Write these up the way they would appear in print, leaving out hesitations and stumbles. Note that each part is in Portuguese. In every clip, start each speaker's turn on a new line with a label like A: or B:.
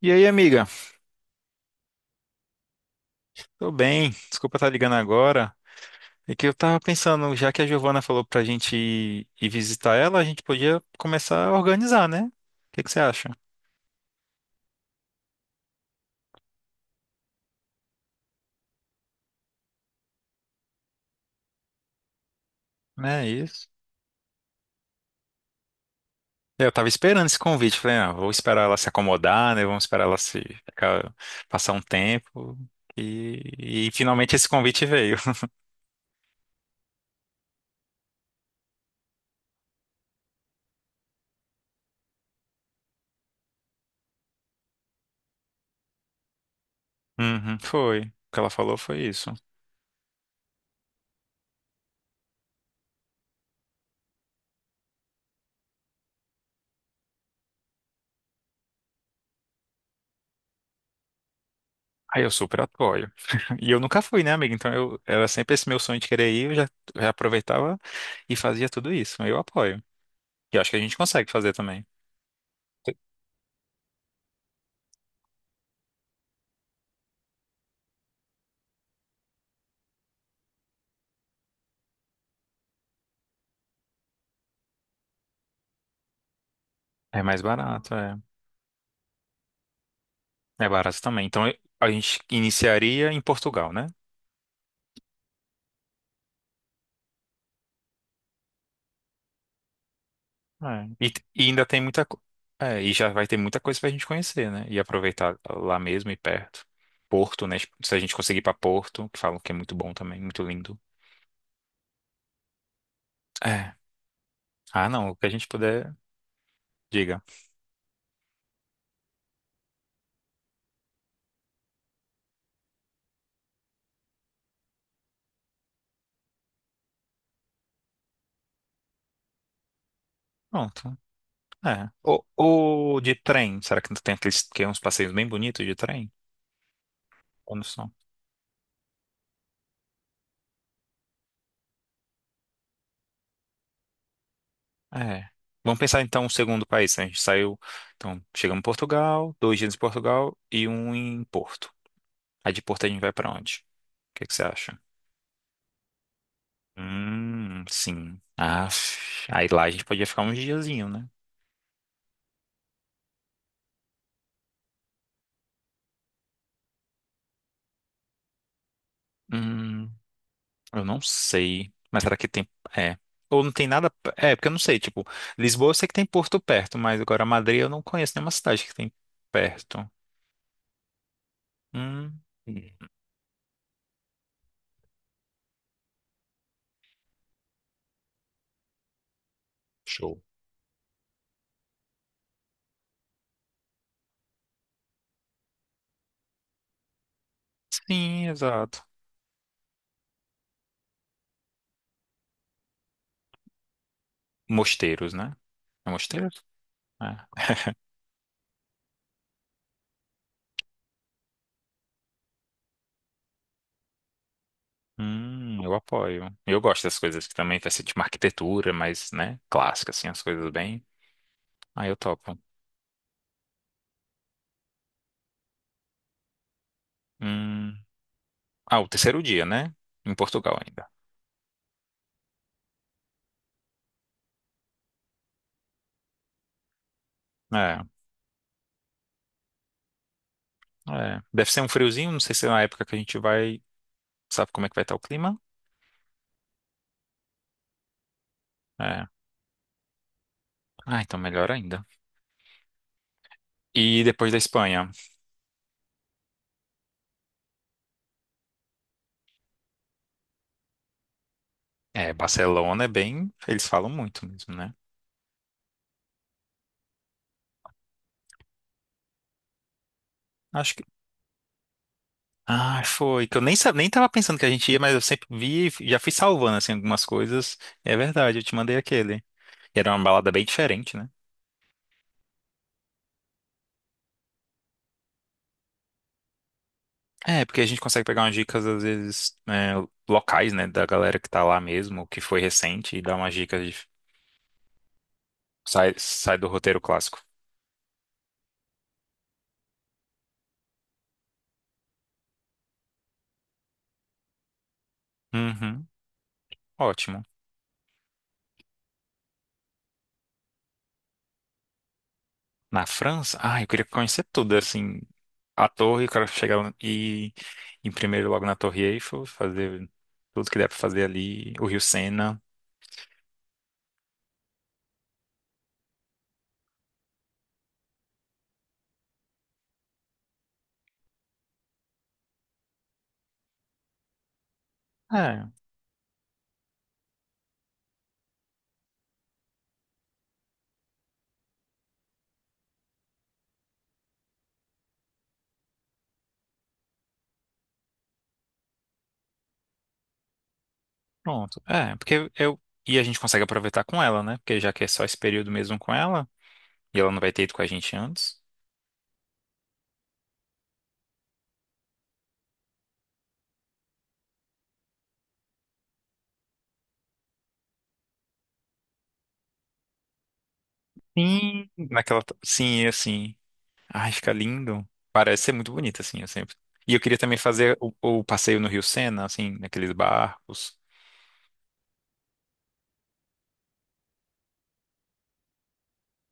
A: E aí, amiga? Tô bem. Desculpa estar ligando agora. É que eu tava pensando, já que a Giovana falou pra gente ir visitar ela, a gente podia começar a organizar, né? O que que você acha? Né, é isso. Eu tava esperando esse convite. Falei, ah, vou esperar ela se acomodar, né? Vamos esperar ela se ficar- passar um tempo. E finalmente esse convite veio. Uhum, foi. O que ela falou foi isso. Aí eu super apoio. E eu nunca fui, né, amiga? Então eu era sempre esse meu sonho de querer ir, eu já aproveitava e fazia tudo isso. Eu apoio. E eu acho que a gente consegue fazer também. É mais barato, é. É barato também. Então eu- a gente iniciaria em Portugal, né? É. E ainda é, e já vai ter muita coisa pra gente conhecer, né? E aproveitar lá mesmo e perto. Porto, né? Tipo, se a gente conseguir ir pra Porto, que falam que é muito bom também, muito lindo. É. Ah, não, o que a gente puder, diga. Pronto. É. O, o de trem, será que não tem aqueles que é uns passeios bem bonitos de trem? Ou não são? É. Vamos pensar então um segundo país, né? A gente saiu, então chegamos em Portugal, 2 dias em Portugal e um em Porto. Aí de Porto a gente vai pra onde? O que que você acha? Sim. Ah, aí lá a gente podia ficar uns diazinho, né? Hum, eu não sei. Mas será que tem. É. Ou não tem nada. É, porque eu não sei. Tipo, Lisboa eu sei que tem Porto perto, mas agora Madrid eu não conheço nenhuma cidade que tem perto. Hum, show. Sim, exato. Mosteiros, né? É mosteiros? É. Eu apoio. Eu gosto das coisas que também fazem tipo uma arquitetura, mas, né, clássica, assim, as coisas bem. Aí eu topo. Hum. Ah, o terceiro dia, né? Em Portugal ainda. É, é. Deve ser um friozinho, não sei se é na época que a gente vai. Sabe como é que vai estar o clima? É. Ah, então melhor ainda. E depois da Espanha? É, Barcelona é bem. Eles falam muito mesmo, né? Acho Ah, foi. Que eu nem, nem tava pensando que a gente ia, mas eu sempre vi, e já fui salvando, assim, algumas coisas. É verdade, eu te mandei aquele. E era uma balada bem diferente, né? É, porque a gente consegue pegar umas dicas, às vezes, é, locais, né, da galera que tá lá mesmo, que foi recente, e dá umas dicas de... Sai do roteiro clássico. Uhum, ótimo. Na França? Ah, eu queria conhecer tudo, assim, a torre, eu quero chegar e em primeiro logo na Torre Eiffel, fazer tudo que der pra fazer ali, o Rio Sena. Pronto. É, porque eu. E a gente consegue aproveitar com ela, né? Porque já que é só esse período mesmo com ela, e ela não vai ter ido com a gente antes. Sim. Sim, assim. Ai, fica lindo. Parece ser muito bonito, assim, eu sempre. E eu queria também fazer o passeio no Rio Sena, assim, naqueles barcos,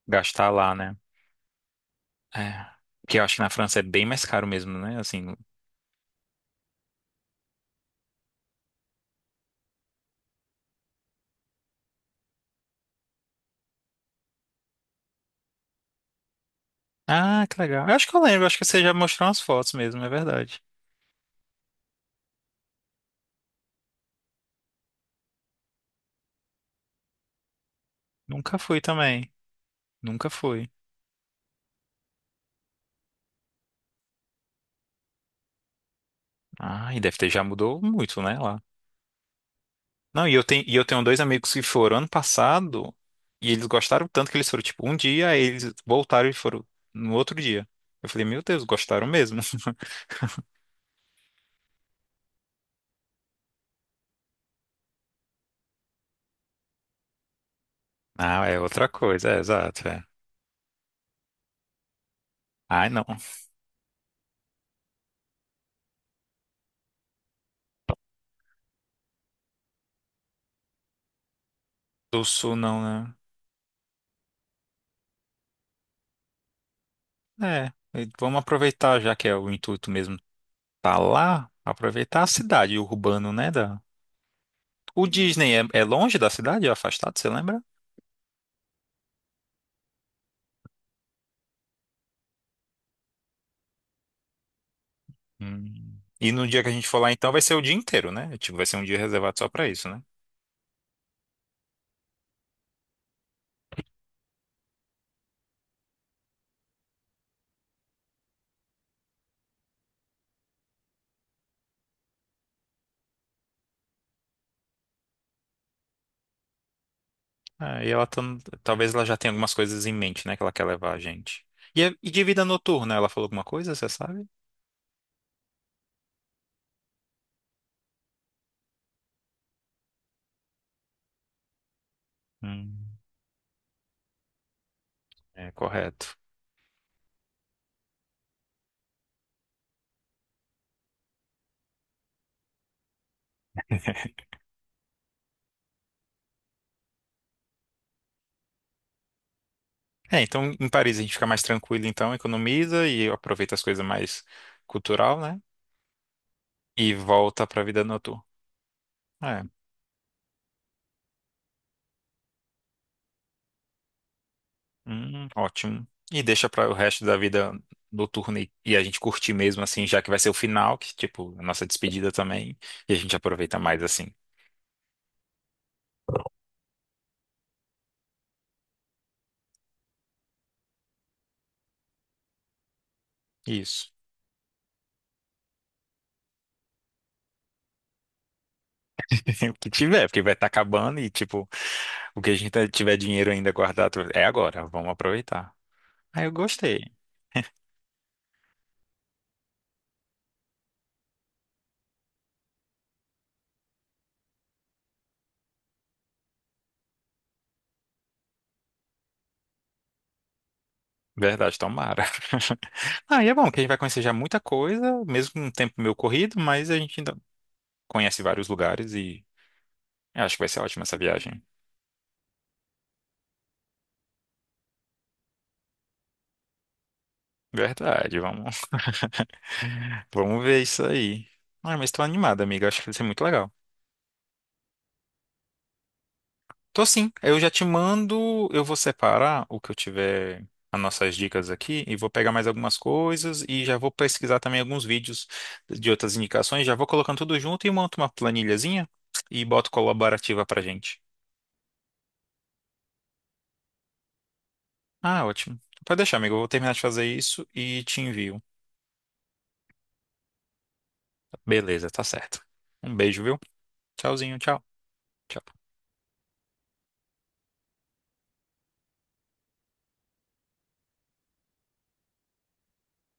A: gastar lá, né? É. Porque eu acho que na França é bem mais caro mesmo, né? Assim. Ah, que legal. Eu acho que eu lembro, eu acho que você já mostrou umas fotos mesmo, é verdade. Nunca fui também. Nunca fui. Ah, e deve ter já mudou muito, né? Lá. Não, e eu tenho dois amigos que foram ano passado e eles gostaram tanto que eles foram, tipo, um dia, aí eles voltaram e foram no outro dia. Eu falei, meu Deus, gostaram mesmo. Ah, é outra coisa, é, exato, é. Ai, não. Do sul não, né? É, e vamos aproveitar, já que é o intuito mesmo tá lá, aproveitar a cidade, o urbano, né? Da... O Disney é, é longe da cidade, é afastado, você lembra? Hum. E no dia que a gente for lá, então, vai ser o dia inteiro, né? Tipo, vai ser um dia reservado só pra isso, né? É, e ela tá, talvez ela já tenha algumas coisas em mente, né, que ela quer levar a gente. E, é- e de vida noturna, ela falou alguma coisa, você sabe? Hum, é correto. É, então em Paris a gente fica mais tranquilo, então economiza e aproveita as coisas mais cultural, né? E volta pra vida noturna. É, ótimo. E deixa para o resto da vida noturna e a gente curtir mesmo assim, já que vai ser o final, que tipo, a nossa despedida também, e a gente aproveita mais assim. Isso. O que tiver, porque vai estar acabando e, tipo, o que a gente tá, tiver dinheiro ainda guardado é agora, vamos aproveitar. Aí eu gostei. Verdade, tomara. Ah, e é bom que a gente vai conhecer já muita coisa, mesmo um tempo meio corrido, mas a gente ainda conhece vários lugares e eu acho que vai ser ótima essa viagem. Verdade, vamos, vamos ver isso aí. Ah, mas tô animada amiga, acho que vai ser muito legal. Tô sim. Eu já te mando, eu vou separar o que eu tiver, as nossas dicas aqui, e vou pegar mais algumas coisas e já vou pesquisar também alguns vídeos de outras indicações, já vou colocando tudo junto e monto uma planilhazinha e boto colaborativa pra gente. Ah, ótimo. Pode deixar, amigo. Eu vou terminar de fazer isso e te envio. Beleza, tá certo. Um beijo, viu? Tchauzinho, tchau. Tchau.